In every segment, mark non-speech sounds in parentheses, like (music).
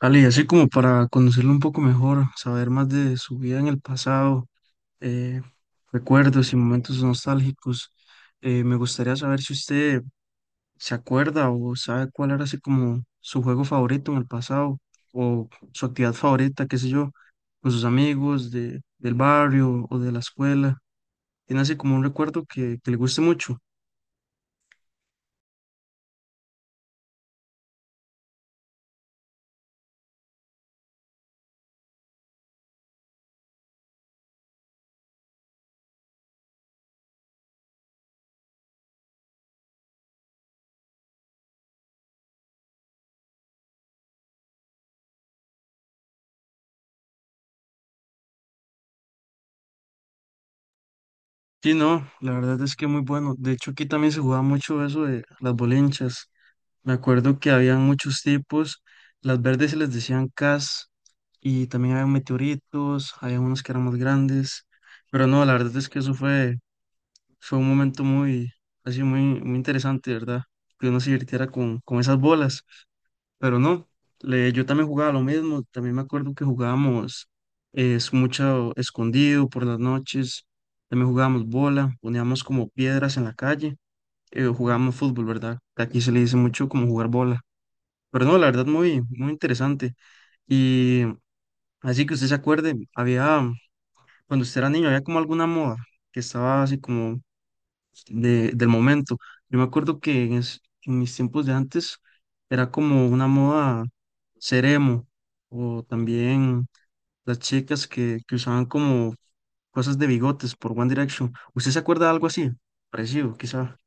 Ale, y así como para conocerlo un poco mejor, saber más de su vida en el pasado, eh, recuerdos y momentos nostálgicos. Me gustaría saber si usted se acuerda o sabe cuál era así como su juego favorito en el pasado o su actividad favorita, qué sé yo, con sus amigos del barrio o de la escuela. Tiene así como un recuerdo que le guste mucho. Sí, no, la verdad es que muy bueno. De hecho, aquí también se jugaba mucho eso de las bolinchas. Me acuerdo que habían muchos tipos. Las verdes se les decían cas y también había meteoritos, había unos que eran más grandes. Pero no, la verdad es que eso fue un momento muy, así muy, muy interesante, ¿verdad? Que uno se divirtiera con esas bolas. Pero no, yo también jugaba lo mismo. También me acuerdo que jugábamos es mucho escondido por las noches. También jugábamos bola, poníamos como piedras en la calle. Jugábamos fútbol, ¿verdad? Que aquí se le dice mucho como jugar bola. Pero no, la verdad, muy, muy interesante. Y así que usted se acuerde, había, cuando usted era niño, había como alguna moda que estaba así como del momento. Yo me acuerdo que en mis tiempos de antes era como una moda ser emo, o también las chicas que usaban como cosas de bigotes por One Direction. ¿Usted se acuerda de algo así? Parecido, quizá.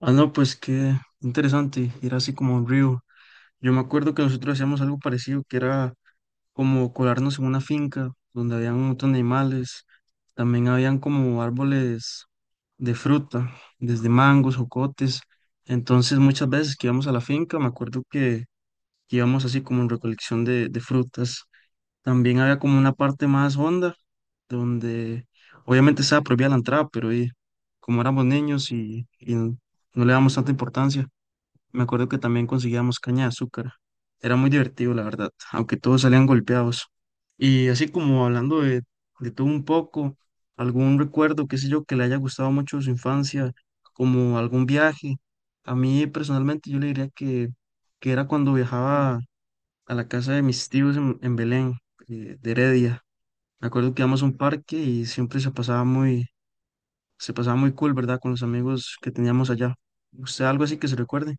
Ah, no, pues qué interesante, era así como un río. Yo me acuerdo que nosotros hacíamos algo parecido, que era como colarnos en una finca donde habían un montón de animales, también habían como árboles de fruta, desde mangos, jocotes, entonces muchas veces que íbamos a la finca, me acuerdo que íbamos así como en recolección de frutas, también había como una parte más honda, donde obviamente estaba prohibida la entrada, pero y, como éramos niños y no le damos tanta importancia, me acuerdo que también conseguíamos caña de azúcar. Era muy divertido, la verdad, aunque todos salían golpeados. Y así como hablando de todo un poco, algún recuerdo, qué sé yo, que le haya gustado mucho de su infancia, como algún viaje. A mí personalmente yo le diría que era cuando viajaba a la casa de mis tíos en Belén, de Heredia. Me acuerdo que íbamos a un parque y siempre se pasaba muy cool, ¿verdad? Con los amigos que teníamos allá. ¿Usted algo así que se recuerde?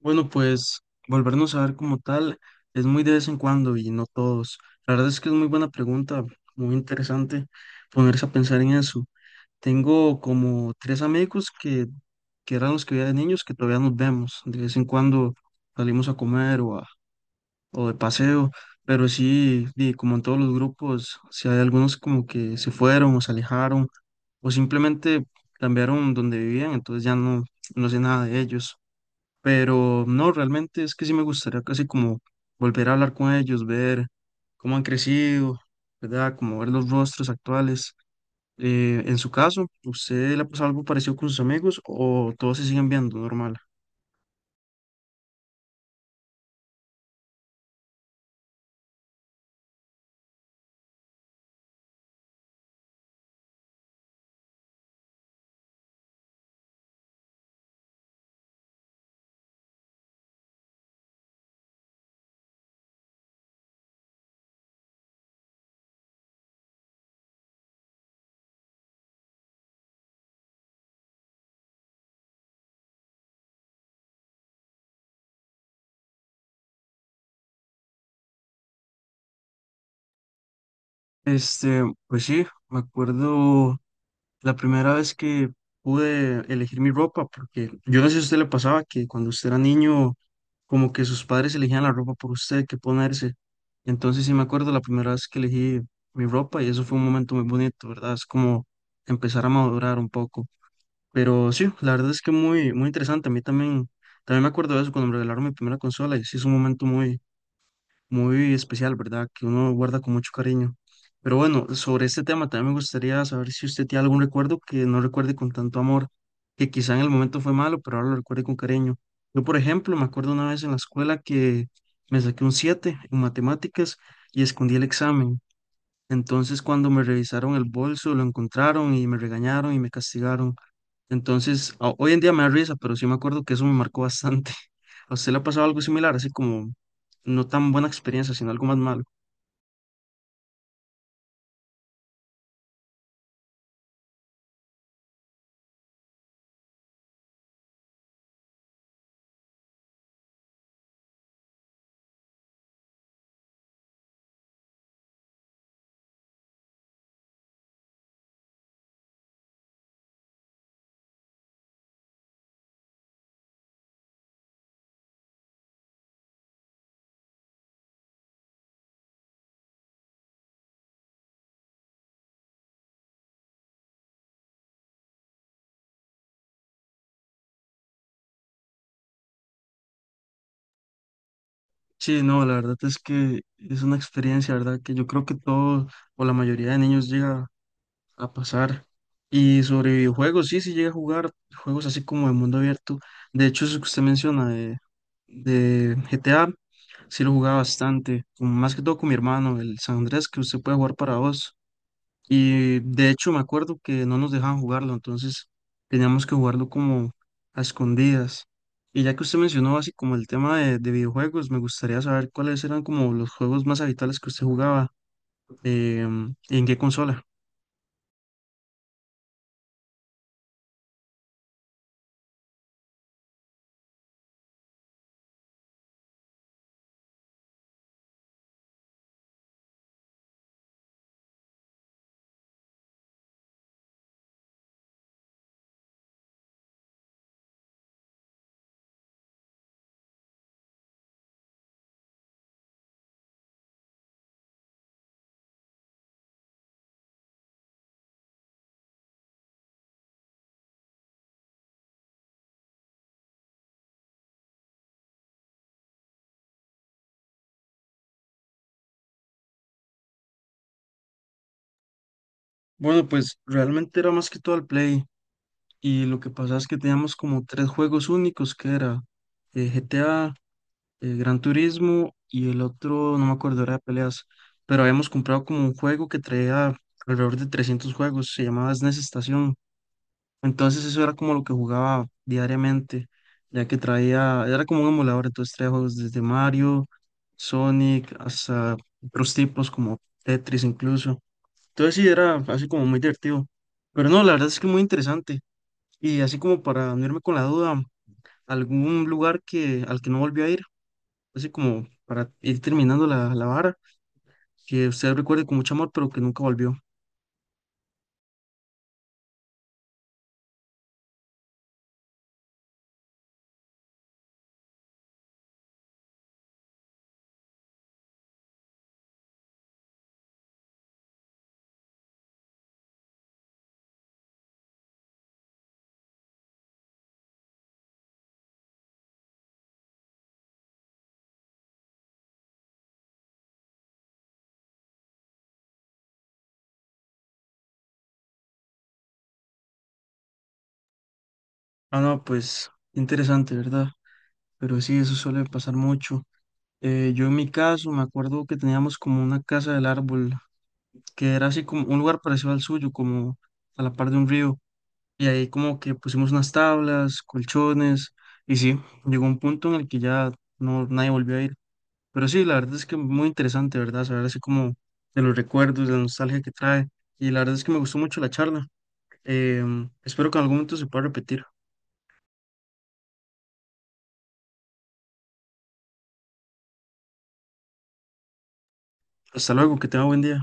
Bueno, pues volvernos a ver como tal es muy de vez en cuando y no todos. La verdad es que es muy buena pregunta, muy interesante ponerse a pensar en eso. Tengo como tres amigos que eran los que veía de niños que todavía nos vemos. De vez en cuando salimos a comer o de paseo, pero sí, y como en todos los grupos, si hay algunos como que se fueron o se alejaron o simplemente cambiaron donde vivían, entonces ya no sé nada de ellos. Pero no, realmente es que sí me gustaría casi como volver a hablar con ellos, ver cómo han crecido, ¿verdad? Como ver los rostros actuales. En su caso, ¿usted le ha pasado algo parecido con sus amigos o todos se siguen viendo normal? Este, pues sí, me acuerdo la primera vez que pude elegir mi ropa, porque yo no sé si a usted le pasaba que cuando usted era niño como que sus padres elegían la ropa por usted, qué ponerse. Entonces sí me acuerdo la primera vez que elegí mi ropa y eso fue un momento muy bonito, ¿verdad? Es como empezar a madurar un poco. Pero sí, la verdad es que muy, muy interesante. A mí también, también me acuerdo de eso cuando me regalaron mi primera consola y sí es un momento muy muy especial, ¿verdad? Que uno guarda con mucho cariño. Pero bueno, sobre este tema también me gustaría saber si usted tiene algún recuerdo que no recuerde con tanto amor, que quizá en el momento fue malo, pero ahora lo recuerde con cariño. Yo, por ejemplo, me acuerdo una vez en la escuela que me saqué un 7 en matemáticas y escondí el examen. Entonces, cuando me revisaron el bolso, lo encontraron y me regañaron y me castigaron. Entonces, hoy en día me da risa, pero sí me acuerdo que eso me marcó bastante. (laughs) ¿A usted le ha pasado algo similar, así como no tan buena experiencia, sino algo más malo? Sí, no, la verdad es que es una experiencia, ¿verdad? Que yo creo que todo o la mayoría de niños llega a pasar. Y sobre videojuegos, sí, sí llega a jugar juegos así como de mundo abierto. De hecho, eso que usted menciona de GTA, sí lo jugaba bastante, como más que todo con mi hermano, el San Andrés, que usted puede jugar para dos. Y de hecho me acuerdo que no nos dejaban jugarlo, entonces teníamos que jugarlo como a escondidas. Y ya que usted mencionó así como el tema de videojuegos, me gustaría saber cuáles eran como los juegos más habituales que usted jugaba y en qué consola. Bueno, pues realmente era más que todo el Play y lo que pasaba es que teníamos como tres juegos únicos que era GTA, el Gran Turismo y el otro, no me acuerdo, era de peleas, pero habíamos comprado como un juego que traía alrededor de 300 juegos, se llamaba SNES Estación. Entonces eso era como lo que jugaba diariamente, ya que traía, era como un emulador, entonces traía juegos desde Mario, Sonic, hasta otros tipos como Tetris incluso. Entonces sí, era así como muy divertido. Pero no, la verdad es que muy interesante. Y así como para unirme con la duda, algún lugar que, al que no volví a ir así como para ir terminando la vara, que usted recuerde con mucho amor, pero que nunca volvió. Ah, no, pues interesante, ¿verdad? Pero sí, eso suele pasar mucho. Yo en mi caso me acuerdo que teníamos como una casa del árbol, que era así como un lugar parecido al suyo, como a la par de un río. Y ahí como que pusimos unas tablas, colchones, y sí, llegó un punto en el que ya no, nadie volvió a ir. Pero sí, la verdad es que muy interesante, ¿verdad? Saber así como de los recuerdos, de la nostalgia que trae. Y la verdad es que me gustó mucho la charla. Em, espero que en algún momento se pueda repetir. Hasta luego, que tenga buen día.